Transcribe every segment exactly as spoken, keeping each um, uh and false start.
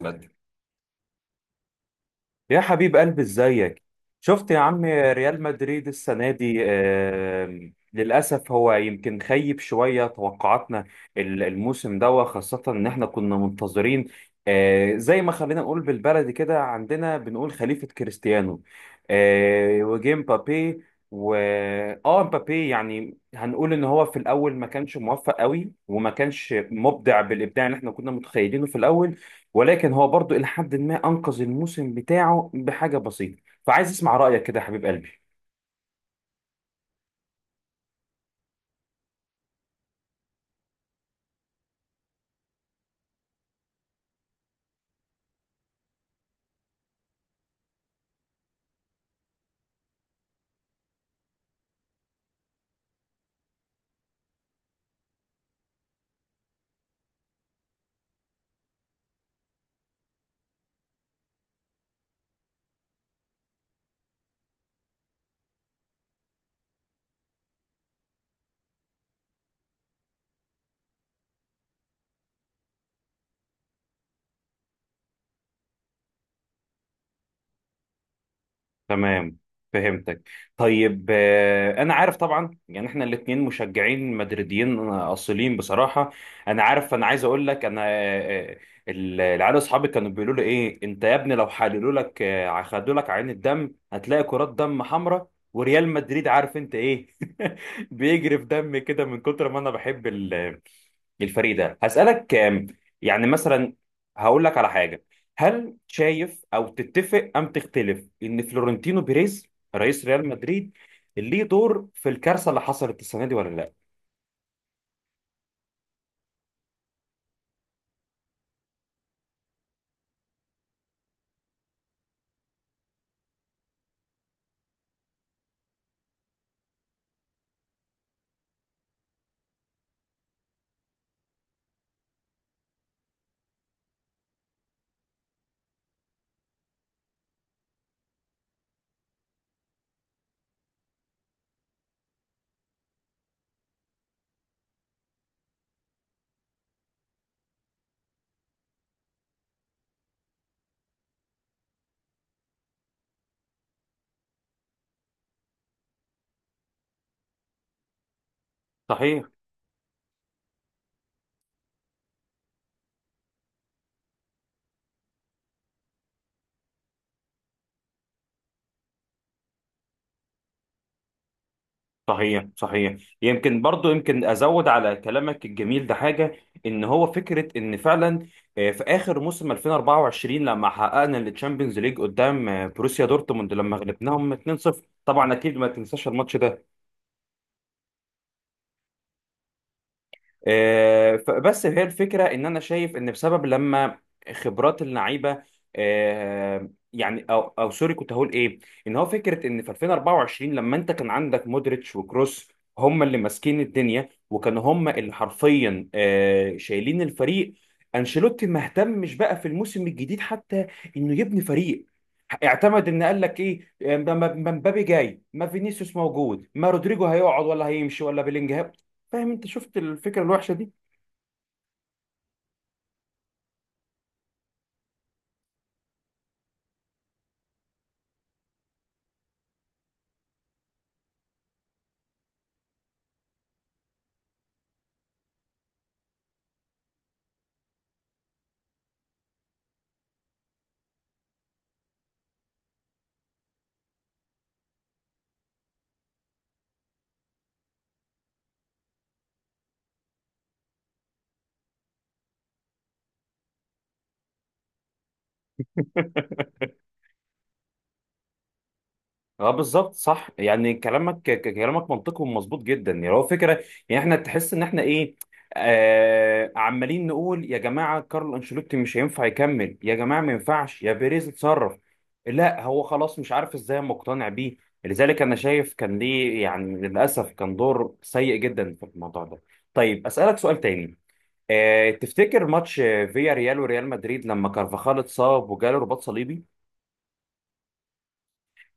بدري يا حبيب قلبي ازيك؟ شفت يا عم ريال مدريد السنة دي آم، للأسف هو يمكن خيب شوية توقعاتنا ال- الموسم ده، خاصة إن إحنا كنا منتظرين. آه، زي ما خلينا نقول بالبلدي كده، عندنا بنقول خليفة كريستيانو آه، وجه مبابي. و اه مبابي يعني هنقول ان هو في الاول ما كانش موفق قوي وما كانش مبدع بالابداع اللي احنا كنا متخيلينه في الاول، ولكن هو برضو إلى حد ما أنقذ الموسم بتاعه بحاجة بسيطة، فعايز أسمع رأيك كده يا حبيب قلبي. تمام، فهمتك. طيب آه، أنا عارف طبعا يعني إحنا الاتنين مشجعين مدريديين أصيلين بصراحة. أنا عارف، أنا عايز أقول لك أنا، آه، آه، العيال أصحابي كانوا بيقولوا لي إيه أنت يا ابني؟ لو حللوا لك آه، خدوا لك عين الدم هتلاقي كرات دم حمراء وريال مدريد، عارف أنت إيه؟ بيجري في دم كده من كتر ما أنا بحب ال الفريق ده. هسألك آم، يعني مثلا، هقول لك على حاجة. هل شايف أو تتفق أم تختلف إن فلورنتينو بيريز، رئيس ريال مدريد، ليه دور في الكارثة اللي حصلت السنة دي ولا لا؟ صحيح، صحيح. صحيح، يمكن برضو يمكن أزود على كلامك الجميل ده حاجة. إن هو فكرة إن فعلا آه، في آخر موسم ألفين واربعة وعشرين لما حققنا التشامبيونز ليج قدام آه، بروسيا دورتموند، لما غلبناهم اثنين صفر، طبعا أكيد ما تنساش الماتش ده. آه، فبس هي الفكرة إن أنا شايف إن بسبب لما خبرات اللعيبة، آه، يعني أو أو سوري كنت هقول إيه، إن هو فكرة إن في ألفين واربعة وعشرين لما أنت كان عندك مودريتش وكروس، هم اللي ماسكين الدنيا وكانوا هم اللي حرفيا آه، شايلين الفريق. أنشيلوتي ما اهتمش بقى في الموسم الجديد حتى إنه يبني فريق. اعتمد ان قال لك ايه، ما ما- ما مبابي جاي، ما فينيسيوس موجود، ما رودريجو هيقعد ولا هيمشي، ولا بيلينجهام. فاهم انت شفت الفكره الوحشه دي؟ اه بالظبط صح، يعني كلامك ك- كلامك منطقي ومظبوط جدا، يعني هو فكره. يعني احنا تحس ان احنا ايه، آه عمالين نقول يا جماعه كارل انشيلوتي مش هينفع يكمل، يا جماعه ما ينفعش يا بيريز اتصرف، لا هو خلاص مش عارف ازاي مقتنع بيه. لذلك انا شايف كان ليه يعني للاسف كان دور سيء جدا في الموضوع ده. طيب اسالك سؤال تاني. آه تفتكر ماتش آه، فيا ريال وريال مدريد لما كارفاخال اتصاب وجاله رباط صليبي،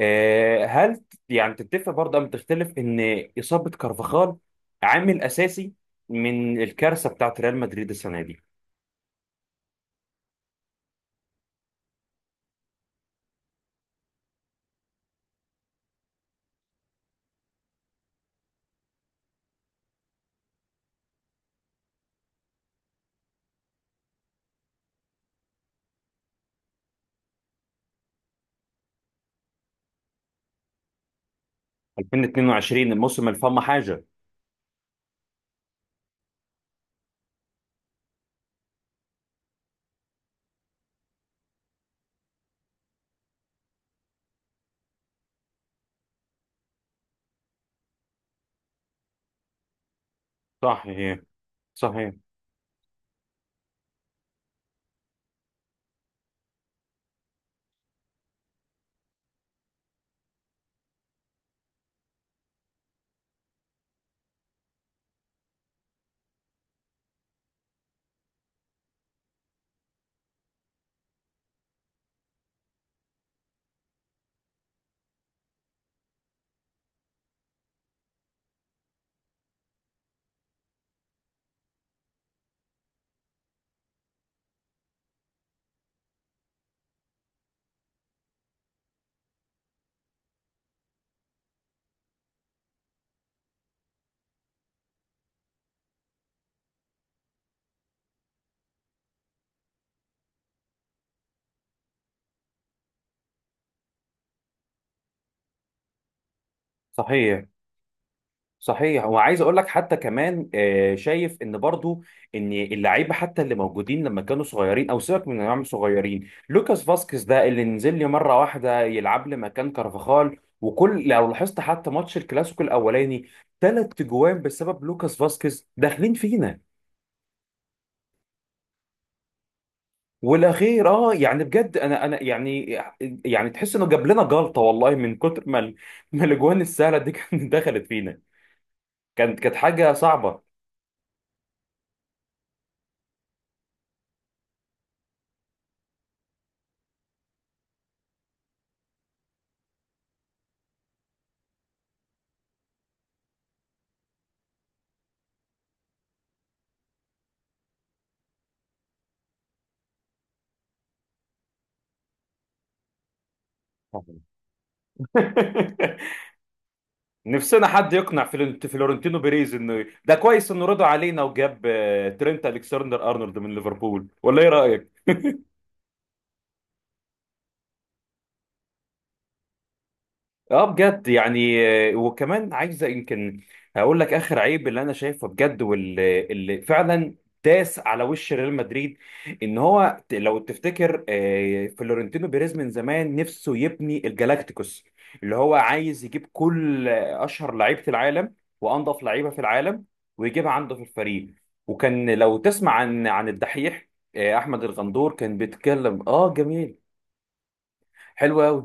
آه، هل ت- يعني تتفق برضه أم تختلف إن إصابة كارفاخال عامل أساسي من الكارثة بتاعت ريال مدريد السنة دي؟ الفين واتنين وعشرين الموسم الفم حاجة. صحيح، صحيح، صحيح. صحيح، وعايز اقول لك حتى كمان آه، شايف ان برضو ان اللعيبه حتى اللي موجودين لما كانوا صغيرين، او سيبك من انهم صغيرين، لوكاس فاسكيز ده اللي نزل لي مره واحده يلعب لي مكان كارفاخال، وكل لو لاحظت حتى ماتش الكلاسيكو الاولاني ثلاث جوان بسبب لوكاس فاسكيز داخلين فينا. والاخير اه، يعني بجد انا انا يعني، يعني تحس انه جاب لنا جلطه والله، من كتر ما ال- ما الاجوان السهله دي كانت دخلت فينا. كانت كانت حاجه صعبه. نفسنا حد يقنع فلنت- فلورنتينو بيريز انه ده كويس انه رضى علينا وجاب آه، ترينت الكسندر ارنولد من ليفربول، ولا ايه رايك؟ اه بجد يعني آه، وكمان عايزه يمكن هقول لك اخر عيب اللي انا شايفه بجد واللي اللي فعلا داس على وش ريال مدريد، ان هو ت- لو تفتكر آه، فلورنتينو بيريز من زمان نفسه يبني الجالاكتيكوس، اللي هو عايز يجيب كل آه، اشهر لعيبه العالم وانضف لعيبه في العالم ويجيبها عنده في الفريق. وكان لو تسمع عن عن الدحيح آه، احمد الغندور كان بيتكلم اه جميل. حلو قوي.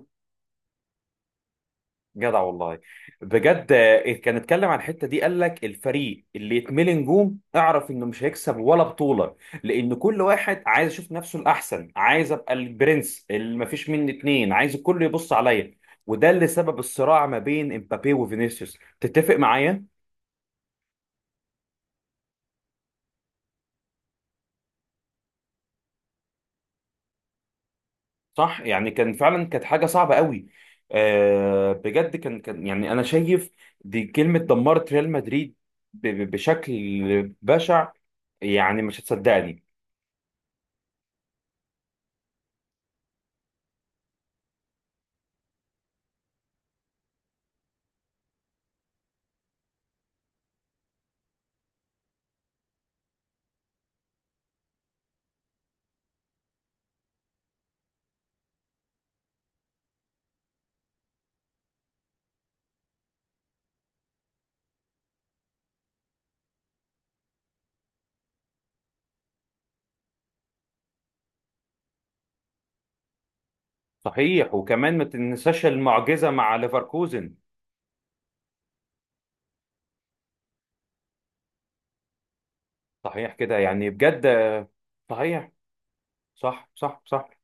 جدع والله. بجد آه، إيه، كان اتكلم عن الحته دي، قال لك الفريق اللي يتملي نجوم اعرف انه مش هيكسب ولا بطوله، لان كل واحد عايز يشوف نفسه الاحسن، عايز ابقى البرنس اللي مفيش مني اتنين، عايز الكل يبص عليا. وده اللي سبب الصراع ما بين امبابي وفينيسيوس، تتفق معايا؟ صح، يعني كان فعلا كانت حاجه صعبه قوي. أه بجد كان كان يعني انا شايف دي كلمه دمرت ريال مدريد ب- ب- بشكل بشع، يعني مش هتصدقني. صحيح، وكمان ما تنساش المعجزة مع ليفركوزن. صحيح كده، يعني بجد آه، صحيح، صح صح صح.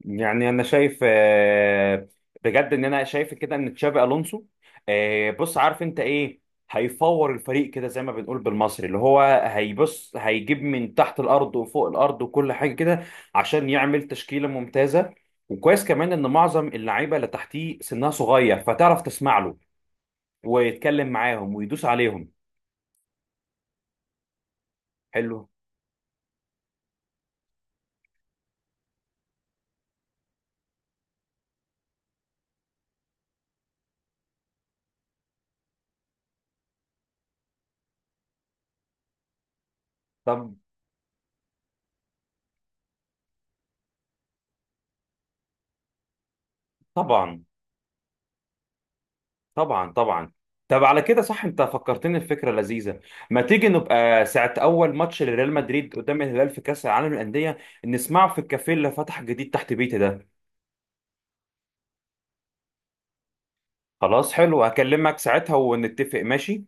يعني انا شايف آه، بجد ان انا شايف كده ان تشابي الونسو آه، بص عارف انت ايه، هيفور الفريق كده زي ما بنقول بالمصري، اللي هو هيبص هيجيب من تحت الارض وفوق الارض وكل حاجة كده عشان يعمل تشكيلة ممتازة. وكويس كمان ان معظم اللعيبة اللي تحتيه سنها صغير، فتعرف تسمع له ويتكلم معاهم ويدوس عليهم. حلو. طب طبعا، طبعا طبعا. طب على كده صح، انت فكرتني الفكره لذيذه. ما تيجي نبقى ساعه اول ماتش لريال مدريد قدام الهلال في كاس العالم للانديه نسمعه في الكافيه اللي فتح جديد تحت بيتي ده؟ خلاص حلو، هكلمك ساعتها ونتفق ماشي.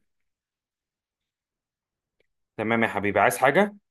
تمام يا حبيبي، عايز حاجه؟